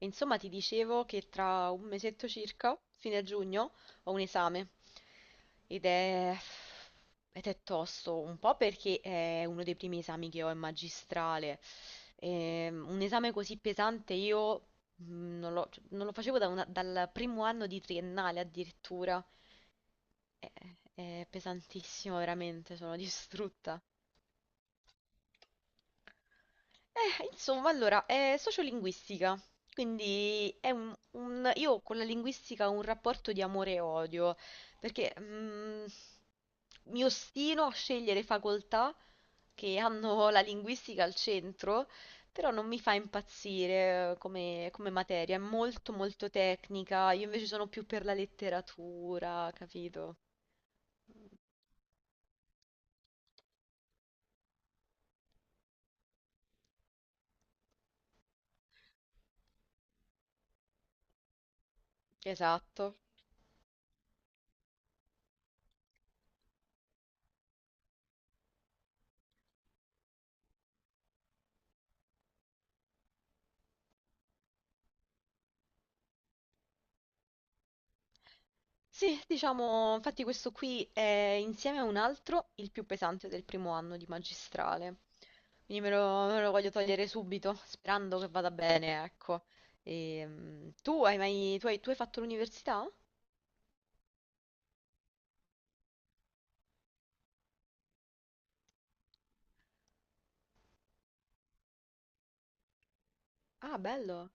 Insomma, ti dicevo che tra un mesetto circa, fine giugno, ho un esame ed è... ed è tosto, un po' perché è uno dei primi esami che ho in magistrale. E, un esame così pesante io non lo facevo da dal primo anno di triennale addirittura. È, è pesantissimo, veramente, sono distrutta. Insomma, allora, è sociolinguistica, quindi è io con la linguistica ho un rapporto di amore e odio, perché mi ostino a scegliere facoltà che hanno la linguistica al centro, però non mi fa impazzire come materia, è molto molto tecnica, io invece sono più per la letteratura, capito? Esatto. Sì, diciamo, infatti questo qui è insieme a un altro il più pesante del primo anno di magistrale. Quindi me lo voglio togliere subito, sperando che vada bene, ecco. Tu hai mai, tu hai fatto l'università? Ah, bello.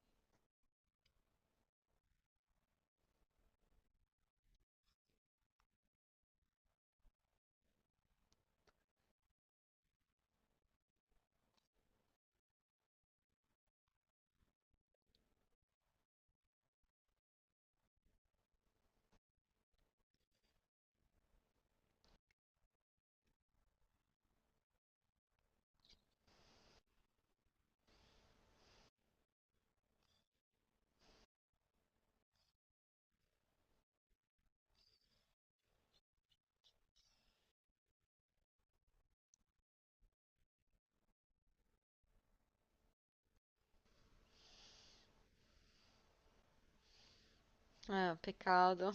Peccato.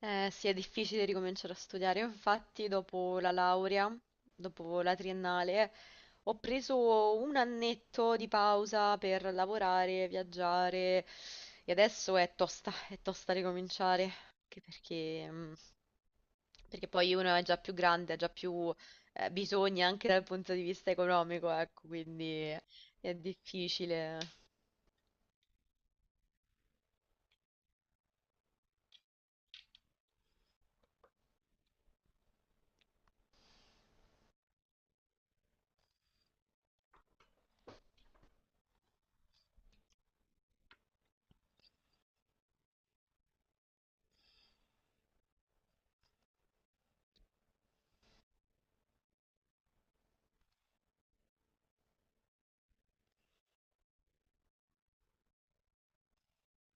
Sì, è difficile ricominciare a studiare. Io, infatti, dopo la laurea, dopo la triennale, ho preso un annetto di pausa per lavorare, viaggiare e adesso è tosta ricominciare, anche perché, perché poi uno è già più grande, ha già più bisogni anche dal punto di vista economico, ecco, quindi è difficile.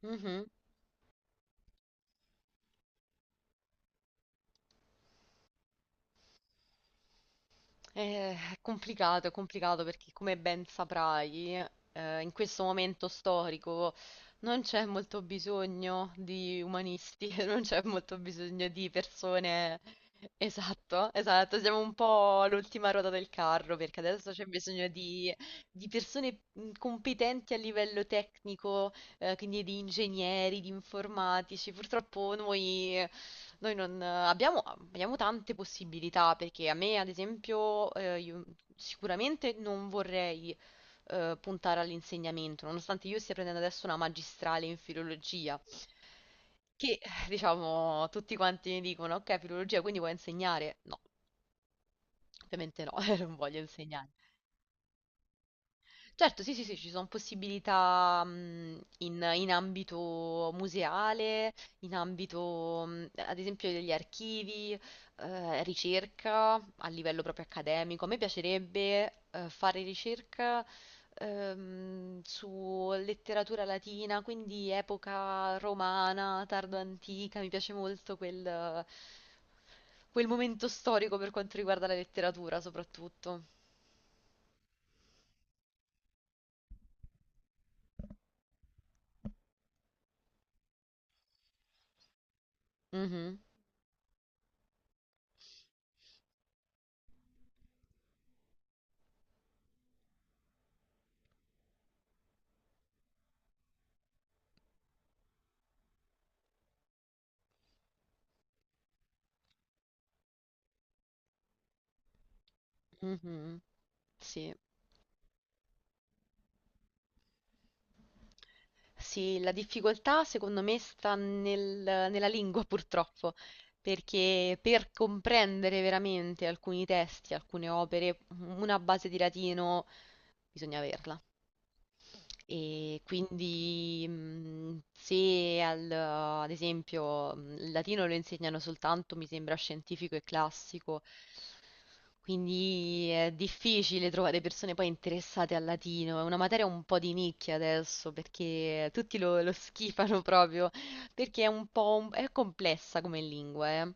Mhm. È complicato, è complicato perché come ben saprai, in questo momento storico non c'è molto bisogno di umanisti, non c'è molto bisogno di persone. Esatto, esatto, siamo un po' all'ultima ruota del carro perché adesso c'è bisogno di persone competenti a livello tecnico, quindi di ingegneri, di informatici. Purtroppo noi non abbiamo tante possibilità perché a me, ad esempio, io sicuramente non vorrei puntare all'insegnamento, nonostante io stia prendendo adesso una magistrale in filologia, che diciamo tutti quanti mi dicono, ok, filologia, quindi vuoi insegnare? No, ovviamente no, non voglio insegnare. Certo, sì, sì, sì, ci sono possibilità in ambito museale, in ambito, ad esempio, degli archivi, ricerca a livello proprio accademico. A me piacerebbe fare ricerca su letteratura latina, quindi epoca romana, tardo antica, mi piace molto quel momento storico per quanto riguarda la letteratura, soprattutto. Mh-mh. Sì. Sì, la difficoltà secondo me sta nella lingua purtroppo, perché per comprendere veramente alcuni testi, alcune opere, u una base di latino bisogna averla. E quindi se al- ad esempio il latino lo insegnano soltanto, mi sembra, scientifico e classico, quindi è difficile trovare persone poi interessate al latino, è una materia un po' di nicchia adesso perché tutti lo schifano proprio, perché è un po' è complessa come lingua, eh.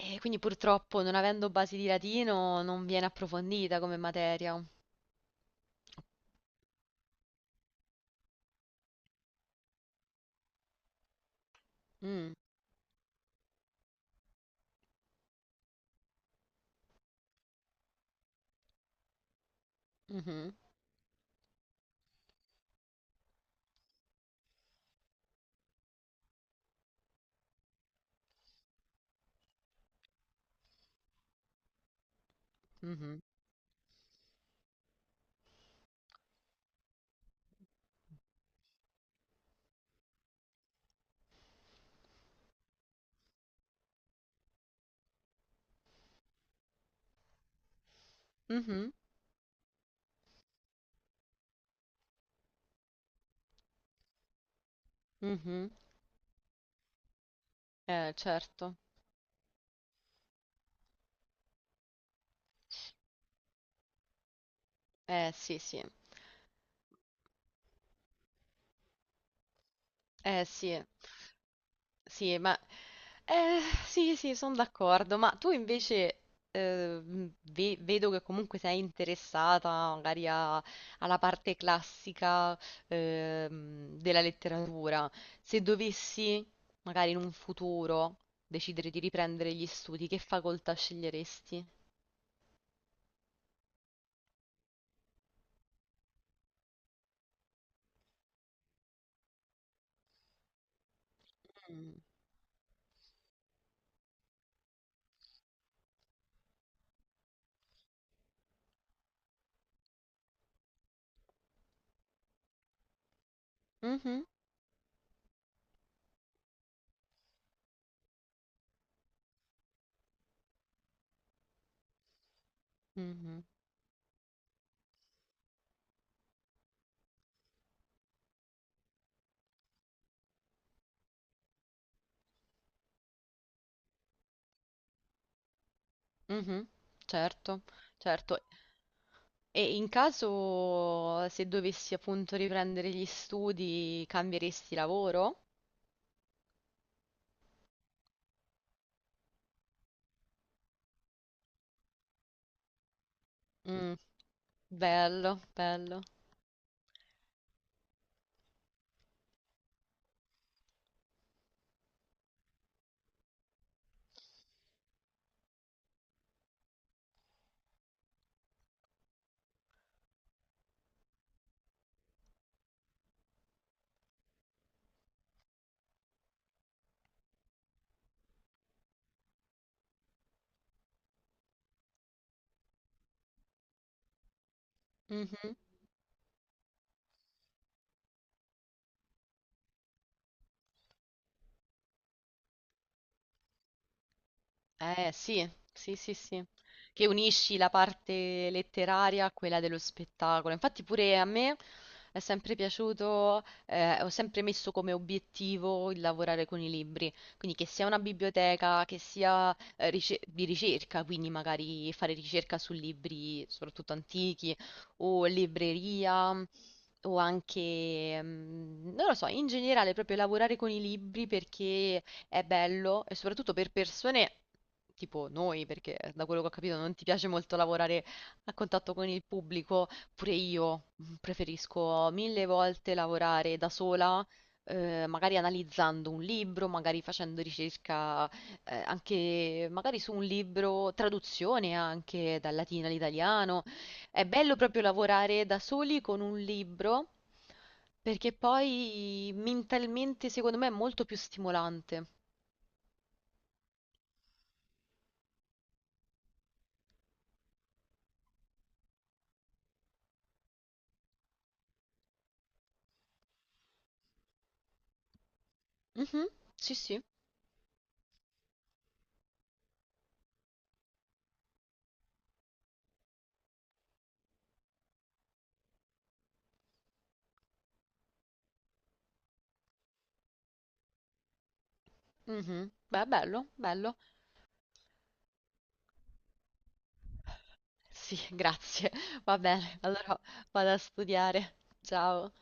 E quindi purtroppo non avendo basi di latino non viene approfondita come materia. Mm, mhm, mhm, mhm. Mhm, eh, certo. Eh sì, sì. Eh sì, sì, ma eh, sì, sì, sono d'accordo. Ma tu invece vedo che comunque sei interessata magari alla parte classica della letteratura. Se dovessi, magari in un futuro, decidere di riprendere gli studi, che facoltà sceglieresti? Mm. Mhm, mhm, mhm, certo, certo. E in caso se dovessi appunto riprendere gli studi, cambieresti lavoro? Mm, bello, bello. Mhm. Eh sì, sì, sì, sì, che unisci la parte letteraria a quella dello spettacolo. Infatti pure a me è sempre piaciuto, ho sempre messo come obiettivo il lavorare con i libri, quindi che sia una biblioteca, che sia di ricerca, quindi magari fare ricerca su libri soprattutto antichi o libreria. O anche, mm, non lo so, in generale proprio lavorare con i libri perché è bello e soprattutto per persone tipo noi, perché da quello che ho capito non ti piace molto lavorare a contatto con il pubblico, pure io preferisco mille volte lavorare da sola. Eh, magari analizzando un libro, magari facendo ricerca anche magari su un libro, traduzione anche dal latino all'italiano. È bello proprio lavorare da soli con un libro perché poi mentalmente secondo me è molto più stimolante. Mhm, sì, sì. Mhm. Beh, bello, bello. Sì, grazie. Va bene, allora vado a studiare. Ciao.